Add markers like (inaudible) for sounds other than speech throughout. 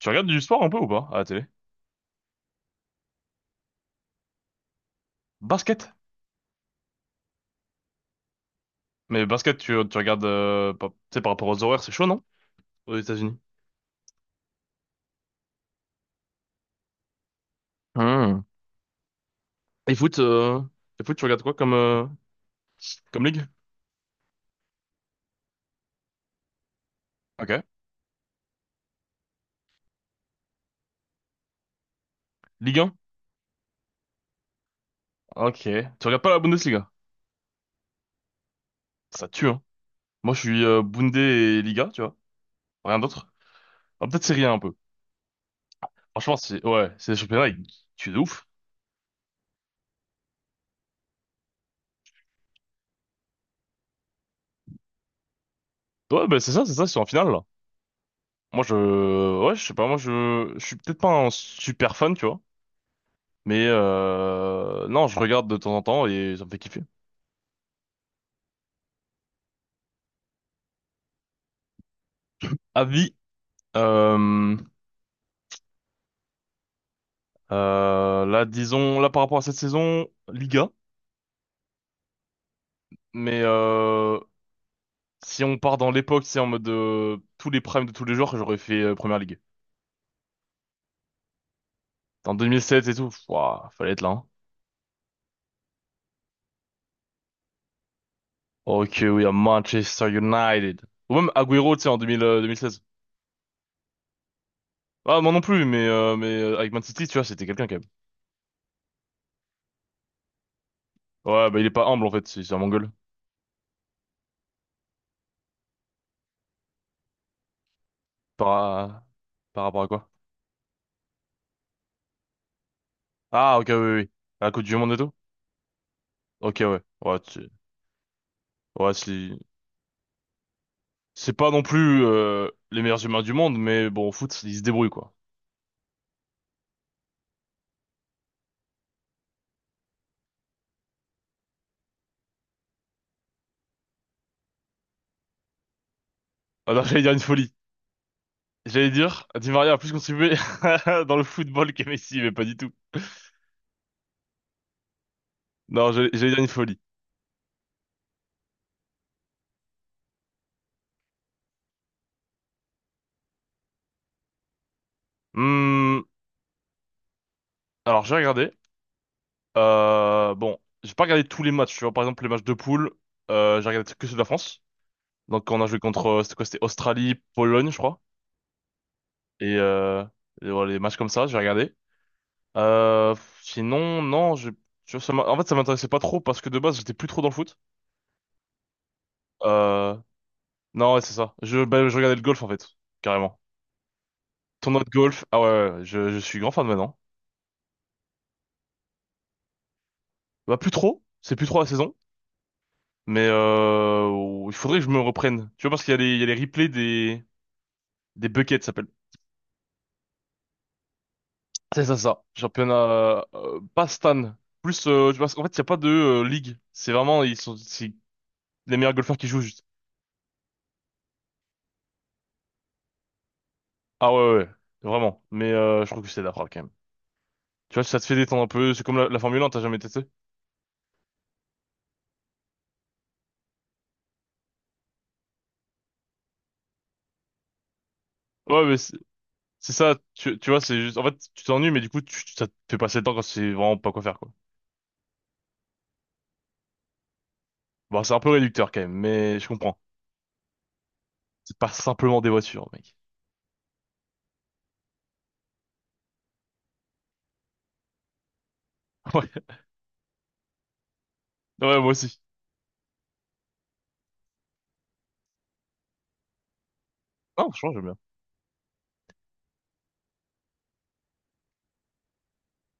Tu regardes du sport un peu ou pas à la télé? Basket? Mais basket, tu regardes, tu sais, par rapport aux horaires, c'est chaud, non? Aux États-Unis. Hmm. Et foot, euh, et foot, tu regardes quoi comme, comme ligue? Ok. Ligue 1? Ok. Tu regardes pas la Bundesliga? Ça tue, hein. Moi, je suis Bunde et Liga, tu vois. Rien d'autre. Ah, peut-être Serie A un peu. Franchement, c'est, ouais, c'est les championnats, ils tuent de ouf. Ouais, ben c'est ça, c'est ça, c'est en finale, là. Moi, je, ouais, je sais pas. Moi, je suis peut-être pas un super fan, tu vois. Mais, non, je regarde de temps en temps et ça me fait kiffer. Avis, euh, là, disons, là, par rapport à cette saison, Liga, mais si on part dans l'époque, c'est en mode de tous les primes de tous les joueurs, j'aurais fait Première Ligue. En 2007 et tout, pff, ouah, fallait être là, hein. Ok, oui, à Manchester United. Ou même Agüero, tu sais, en 2000, 2016. Ah, moi non plus, mais, avec Man City, tu vois, c'était quelqu'un quand même. Ouais, bah il est pas humble en fait, c'est un mongol. Par, à- par rapport à quoi? Ah, ok, oui, oui, oui. À la Coupe du Monde et tout? Ok, ouais. Ouais, tu... ouais, si. C'est pas non plus les meilleurs humains du monde, mais bon, au foot, ils se débrouillent, quoi. Alors, (laughs) j'allais dire une folie. J'allais dire, Di Maria a plus contribué (laughs) dans le football que Messi, mais pas du tout. Non, j'allais dire une folie. Hmm, alors, j'ai regardé. Bon, j'ai pas regardé tous les matchs, tu vois. Par exemple, les matchs de poule, j'ai regardé que ceux de la France. Donc, quand on a joué contre, c'était quoi? C'était Australie, Pologne, je crois. Et, euh, et voilà, les matchs comme ça, j'ai regardé. Euh, Sinon, non, je, tu vois, en fait, ça m'intéressait pas trop parce que de base, j'étais plus trop dans le foot. Euh... Non, ouais, c'est ça. Bah, je regardais le golf en fait, carrément. Tournoi de golf. Ah, ouais, ouais, ouais. Je suis grand fan maintenant. Bah plus trop, c'est plus trop la saison, mais il faudrait que je me reprenne. Tu vois parce qu'il y a les replays des buckets, ça s'appelle. C'est ça, ça. Championnat, pas Stan. Plus, parce qu'en fait, il y a pas de ligue. C'est vraiment, c'est les meilleurs golfeurs qui jouent juste. Ah, ouais, ouais, ouais. Vraiment. Mais je trouve que c'est d'après quand même. Tu vois, ça te fait détendre un peu. C'est comme la Formule 1, t'as jamais testé? Ouais, mais c'est ça. Tu vois, c'est juste, en fait, tu t'ennuies, mais du coup, ça te fait passer le temps quand c'est vraiment pas quoi faire, quoi. Bon, c'est un peu réducteur quand même, mais je comprends. C'est pas simplement des voitures, mec. (laughs) Ouais, ouais, moi aussi. Non, franchement, j'aime bien.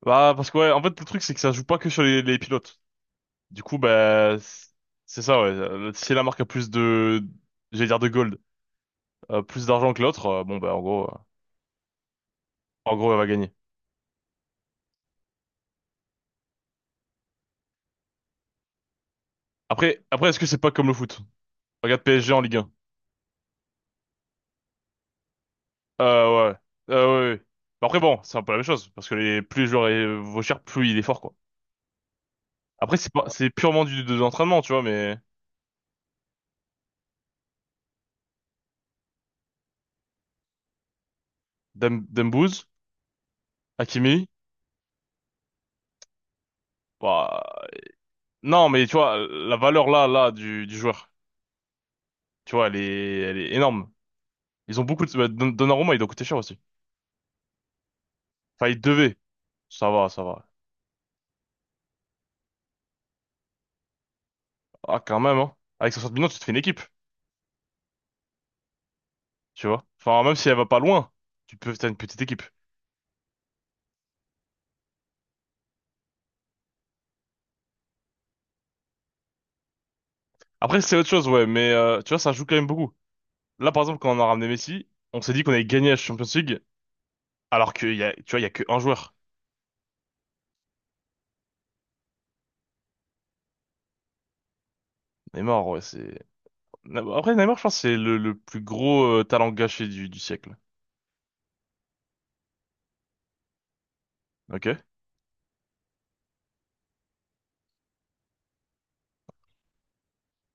Bah, parce que ouais, en fait, le truc, c'est que ça joue pas que sur les pilotes. Du coup, bah, c'est ça, ouais. Si la marque a plus de, j'allais dire de gold, plus d'argent que l'autre, bon, bah, en gros, elle va gagner. Après, est-ce que c'est pas comme le foot? Regarde PSG en Ligue. Ouais. Ouais, ouais. Mais après, bon, c'est un peu la même chose, parce que les, plus le joueur vaut cher, plus il est fort, quoi. Après, c'est pas, c'est purement de l'entraînement, tu vois, mais Dembouz, Hakimi, bah, non, mais tu vois, la valeur là, du joueur, tu vois, elle est énorme. Ils ont beaucoup de, bah, Donnarumma, il doit coûter cher aussi. Enfin, il devait. Ça va, ça va. Ah, quand même, hein. Avec 60 millions, tu te fais une équipe, tu vois. Enfin, même si elle va pas loin, tu peux, t'as une petite équipe. Après, c'est autre chose, ouais, mais, tu vois, ça joue quand même beaucoup. Là, par exemple, quand on a ramené Messi, on s'est dit qu'on allait gagner la Champions League, alors qu'tu vois, il y a que un joueur. Neymar, ouais, c'est. Après, Neymar, je pense, que c'est le plus gros talent gâché du siècle. Ok,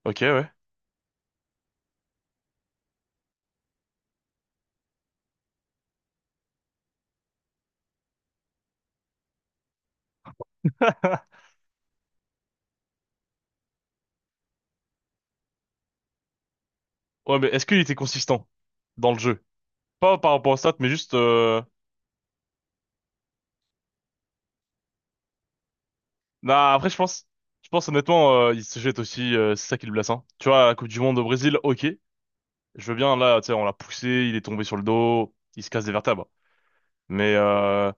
ok, ouais. Ouais, mais est-ce qu'il était consistant dans le jeu? Pas par rapport aux stats, mais juste. Nah, après, je pense honnêtement, il se jette aussi, c'est ça qui le blesse, hein. Tu vois, la Coupe du Monde au Brésil, ok, je veux bien. Là, tu sais, on l'a poussé, il est tombé sur le dos, il se casse des vertèbres. Mais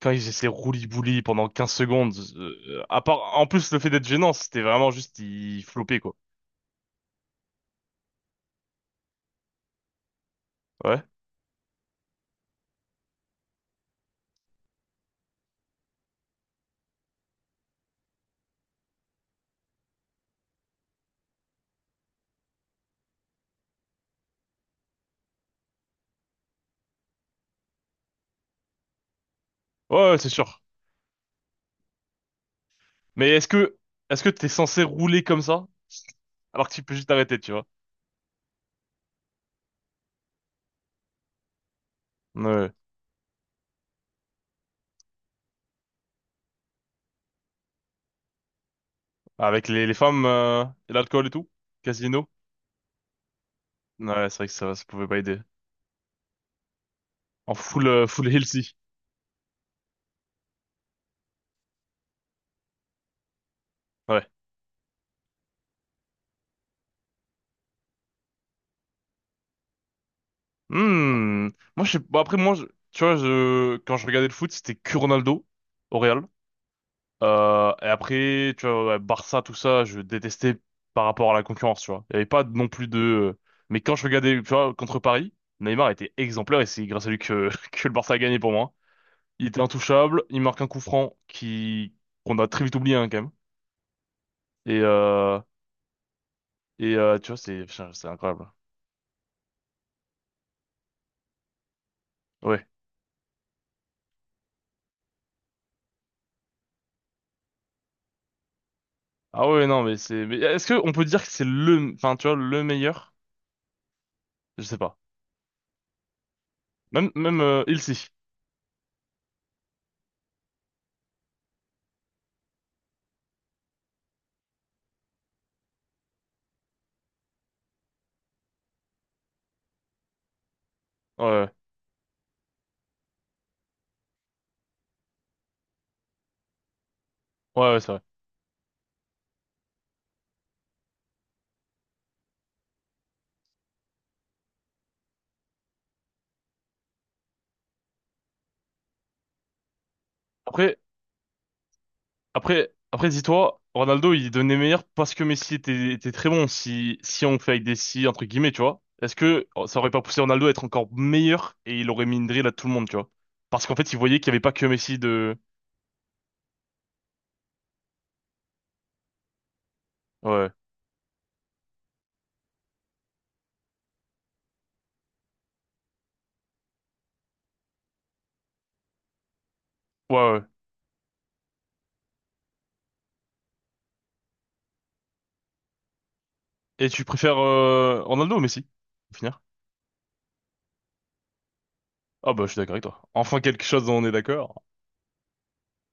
quand ils essaient roulis-bouli pendant 15 secondes, à part, en plus le fait d'être gênant, c'était vraiment juste ils floppaient, quoi. Ouais, ouais, ouais, c'est sûr. Mais est-ce que t'es censé rouler comme ça alors que tu peux juste t'arrêter, tu vois? Ouais. Ouais. Avec les femmes et l'alcool et tout, casino. Ouais, c'est vrai que ça pouvait pas aider. En full full healthy. Ouais. Hmm. Bon, après moi je- tu vois je quand je regardais le foot, c'était que Ronaldo au Real. Et après, tu vois, ouais, Barça, tout ça, je détestais par rapport à la concurrence, tu vois. Il n'y avait pas non plus de... Mais quand je regardais, tu vois, contre Paris, Neymar était exemplaire et c'est grâce à lui que, (laughs) que le Barça a gagné pour moi. Il était intouchable, il marque un coup franc qui qu'on a très vite oublié, hein, quand même. Et, euh... et, tu vois, c'est putain, c'est incroyable. Ouais. Ah ouais, non, mais c'est... Mais est-ce que on peut dire que c'est le... Enfin, tu vois, le meilleur? Je sais pas. Même, Ilsi. Ouais, ouais, ouais, ouais, c'est vrai. Après, après, dis-toi, Ronaldo, il devenait meilleur parce que Messi était très bon. Si on fait avec des si, entre guillemets, tu vois, est-ce que oh, ça aurait pas poussé Ronaldo à être encore meilleur et il aurait mis une drill à tout le monde, tu vois? Parce qu'en fait, il voyait qu'il n'y avait pas que Messi de... Ouais, ouais, ouais. Et tu préfères Ronaldo ou Messi? Pour finir? Ah bah, je suis d'accord avec toi. Enfin, quelque chose dont on est d'accord.